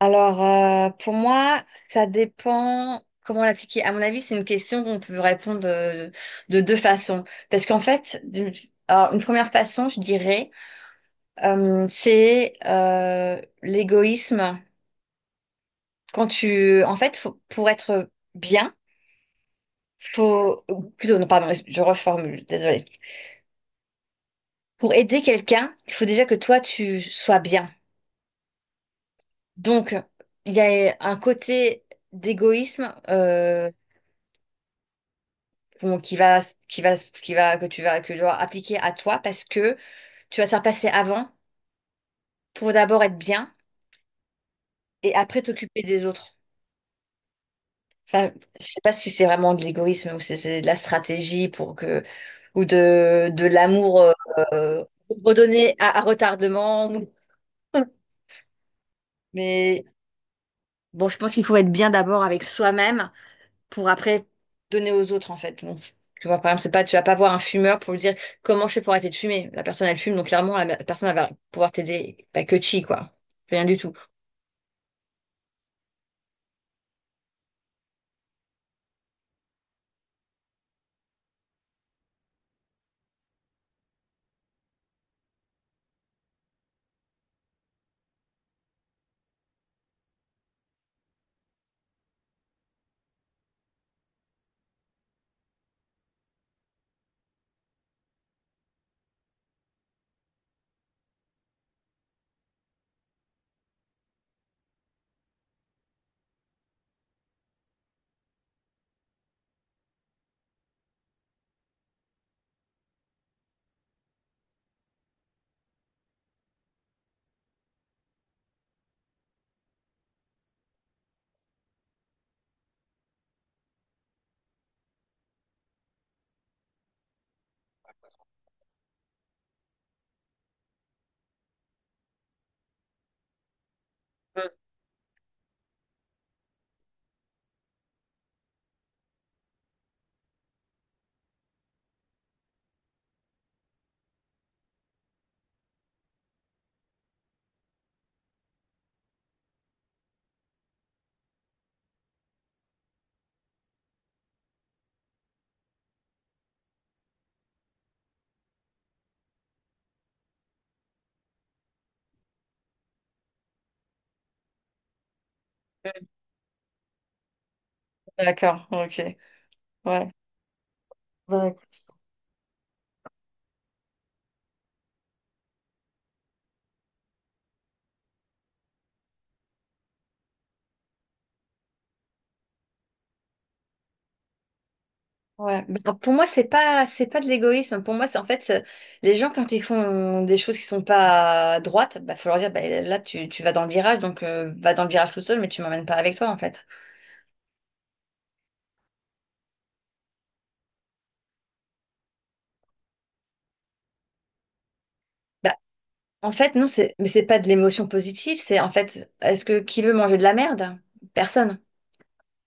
Alors, pour moi, ça dépend comment l'appliquer. À mon avis, c'est une question qu'on peut répondre de deux façons. Parce qu'en fait, d'une alors, une première façon, je dirais, c'est l'égoïsme. En fait, pour être bien, ou plutôt, non, pardon, je reformule, désolée. Pour aider quelqu'un, il faut déjà que toi, tu sois bien. Donc, il y a un côté d'égoïsme, qu'on- qui va, qui va, que tu vas appliquer à toi, parce que tu vas te faire passer avant pour d'abord être bien et après t'occuper des autres. Enfin, je sais pas si c'est vraiment de l'égoïsme ou c'est de la stratégie pour que, ou de l'amour euh, redonné à, retardement. Mais bon, je pense qu'il faut être bien d'abord avec soi-même pour après donner aux autres en fait. Donc, tu vois, par exemple, c'est pas, tu vas pas voir un fumeur pour lui dire: comment je fais pour arrêter de fumer? La personne, elle fume, donc clairement, la personne, elle va pouvoir t'aider. Bah, que chi, quoi. Rien du tout. Mm. Mm. D'accord, ok. Ouais. Ouais. Ouais. Bah, pour moi, c'est pas de l'égoïsme. Pour moi, c'est, en fait, les gens, quand ils font des choses qui sont pas droites, bah, faut leur dire: bah, là, tu vas dans le virage, donc va dans le virage tout seul, mais tu m'emmènes pas avec toi, en fait. Bah, en fait, non, mais c'est pas de l'émotion positive. C'est, en fait, est-ce que qui veut manger de la merde? Personne.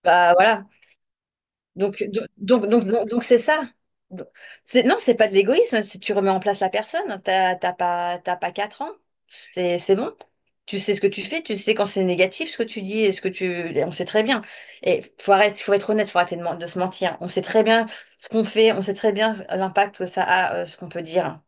Bah voilà. Donc, c'est ça. Donc, non, c'est pas de l'égoïsme. Si tu remets en place la personne, t'as pas 4 ans, c'est bon. Tu sais ce que tu fais, tu sais quand c'est négatif ce que tu dis et ce que tu. Et on sait très bien. Et faut arrêter, faut être honnête, faut arrêter de se mentir. On sait très bien ce qu'on fait, on sait très bien l'impact que ça a, ce qu'on peut dire.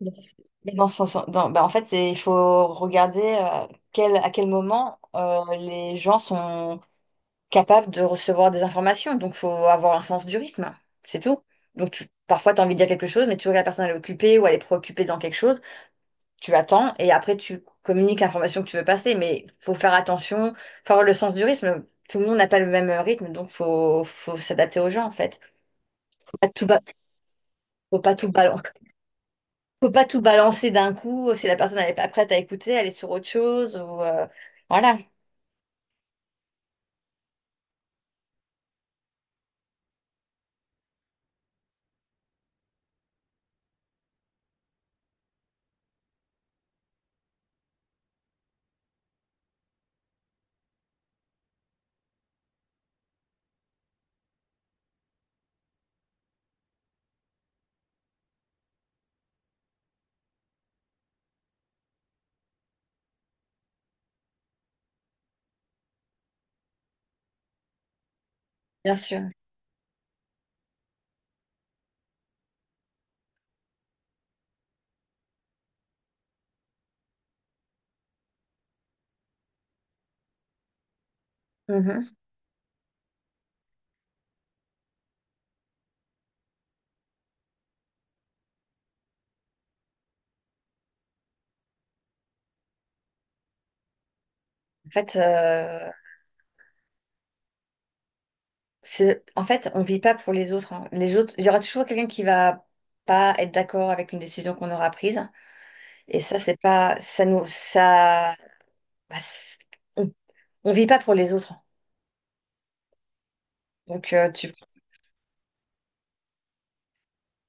Mais mais dans son, son- dans- bah, en fait, il faut regarder à quel moment les gens sont capables de recevoir des informations. Donc, il faut avoir un sens du rythme, c'est tout. Donc, parfois, tu as envie de dire quelque chose, mais tu vois que la personne, elle est occupée ou elle est préoccupée dans quelque chose. Tu attends et après, tu communiques l'information que tu veux passer. Mais il faut faire attention, faut avoir le sens du rythme. Tout le monde n'a pas le même rythme, donc faut s'adapter aux gens, en fait. Pas tout ba- Faut pas tout balancer. Faut pas tout balancer d'un coup. Si la personne n'est pas prête à écouter, elle est sur autre chose. Voilà. Bien sûr. Mhm. En fait, en fait, on vit pas pour les autres, hein. Les autres, il y aura toujours quelqu'un qui va pas être d'accord avec une décision qu'on aura prise. Et ça, c'est pas, bah, on, on vit pas pour les autres. Donc,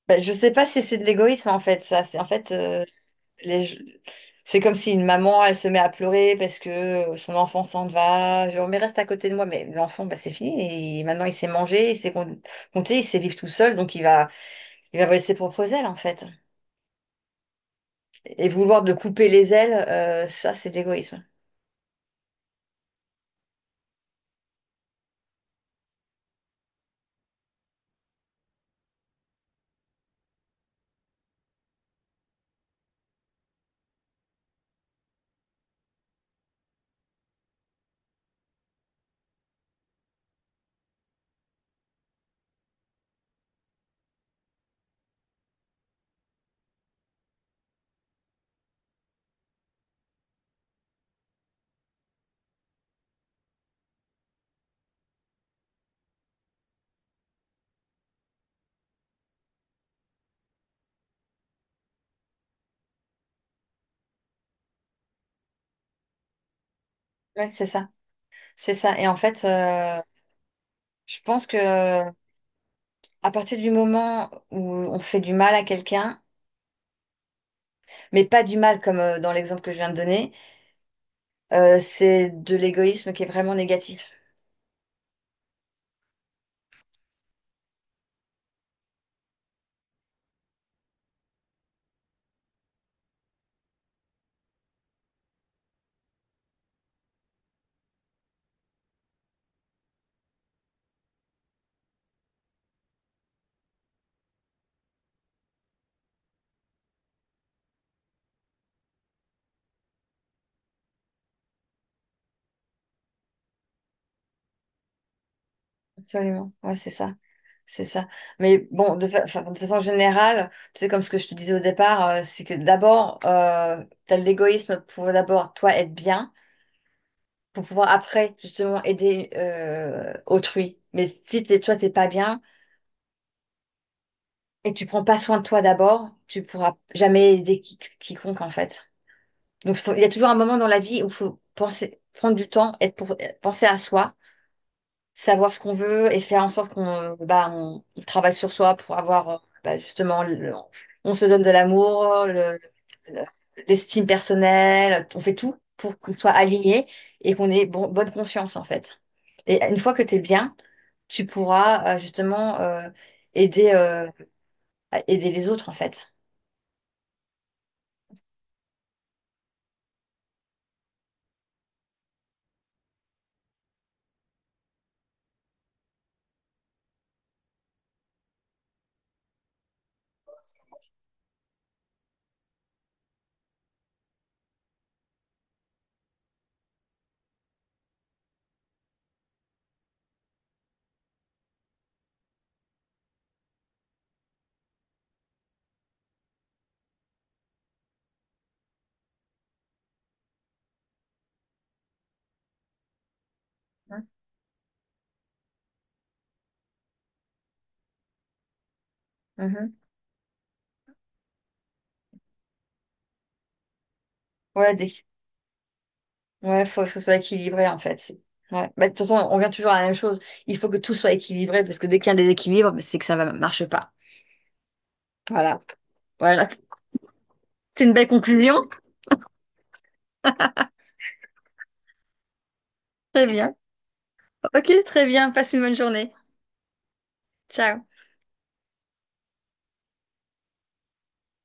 bah, je sais pas si c'est de l'égoïsme en fait. Ça, c'est en fait. Les- C'est comme si une maman, elle se met à pleurer parce que son enfant s'en va. Genre: mais reste à côté de moi. Mais l'enfant, bah, c'est fini. Et maintenant, il sait manger, il sait compter, il sait vivre tout seul. Donc, il va voler ses propres ailes, en fait. Et vouloir de couper les ailes, ça, c'est de l'égoïsme. Ouais, c'est ça. C'est ça. Et en fait, je pense que, à partir du moment où on fait du mal à quelqu'un, mais pas du mal comme, dans l'exemple que je viens de donner, c'est de l'égoïsme qui est vraiment négatif. Absolument. Ouais, c'est ça. C'est ça. Mais bon, enfin, de façon générale, tu sais, comme ce que je te disais au départ, c'est que d'abord, t'as l'égoïsme pour d'abord, toi, être bien, pour pouvoir après, justement, aider, autrui. Mais si t'es, toi, t'es pas bien et que tu prends pas soin de toi d'abord, tu pourras jamais aider quiconque, en fait. Donc, il y a toujours un moment dans la vie où il faut penser, prendre du temps, être pour, penser à soi, savoir ce qu'on veut et faire en sorte qu'on bah, on travaille sur soi pour avoir, bah, justement, on se donne de l'amour, le- l'estime personnelle, on fait tout pour qu'on soit aligné et qu'on ait bonne conscience en fait. Et une fois que tu es bien, tu pourras, justement, aider, euh, à aider les autres en fait. Mhm. Mhm. Ouais. Ouais, faut que ce soit équilibré en fait. Ouais. Bah, de toute façon, on vient toujours à la même chose. Il faut que tout soit équilibré parce que dès qu'il y a un déséquilibre, bah, c'est que ça ne marche pas. Voilà. Voilà. C'est une belle conclusion. Très bien. Ok, très bien. Passe une bonne journée. Ciao.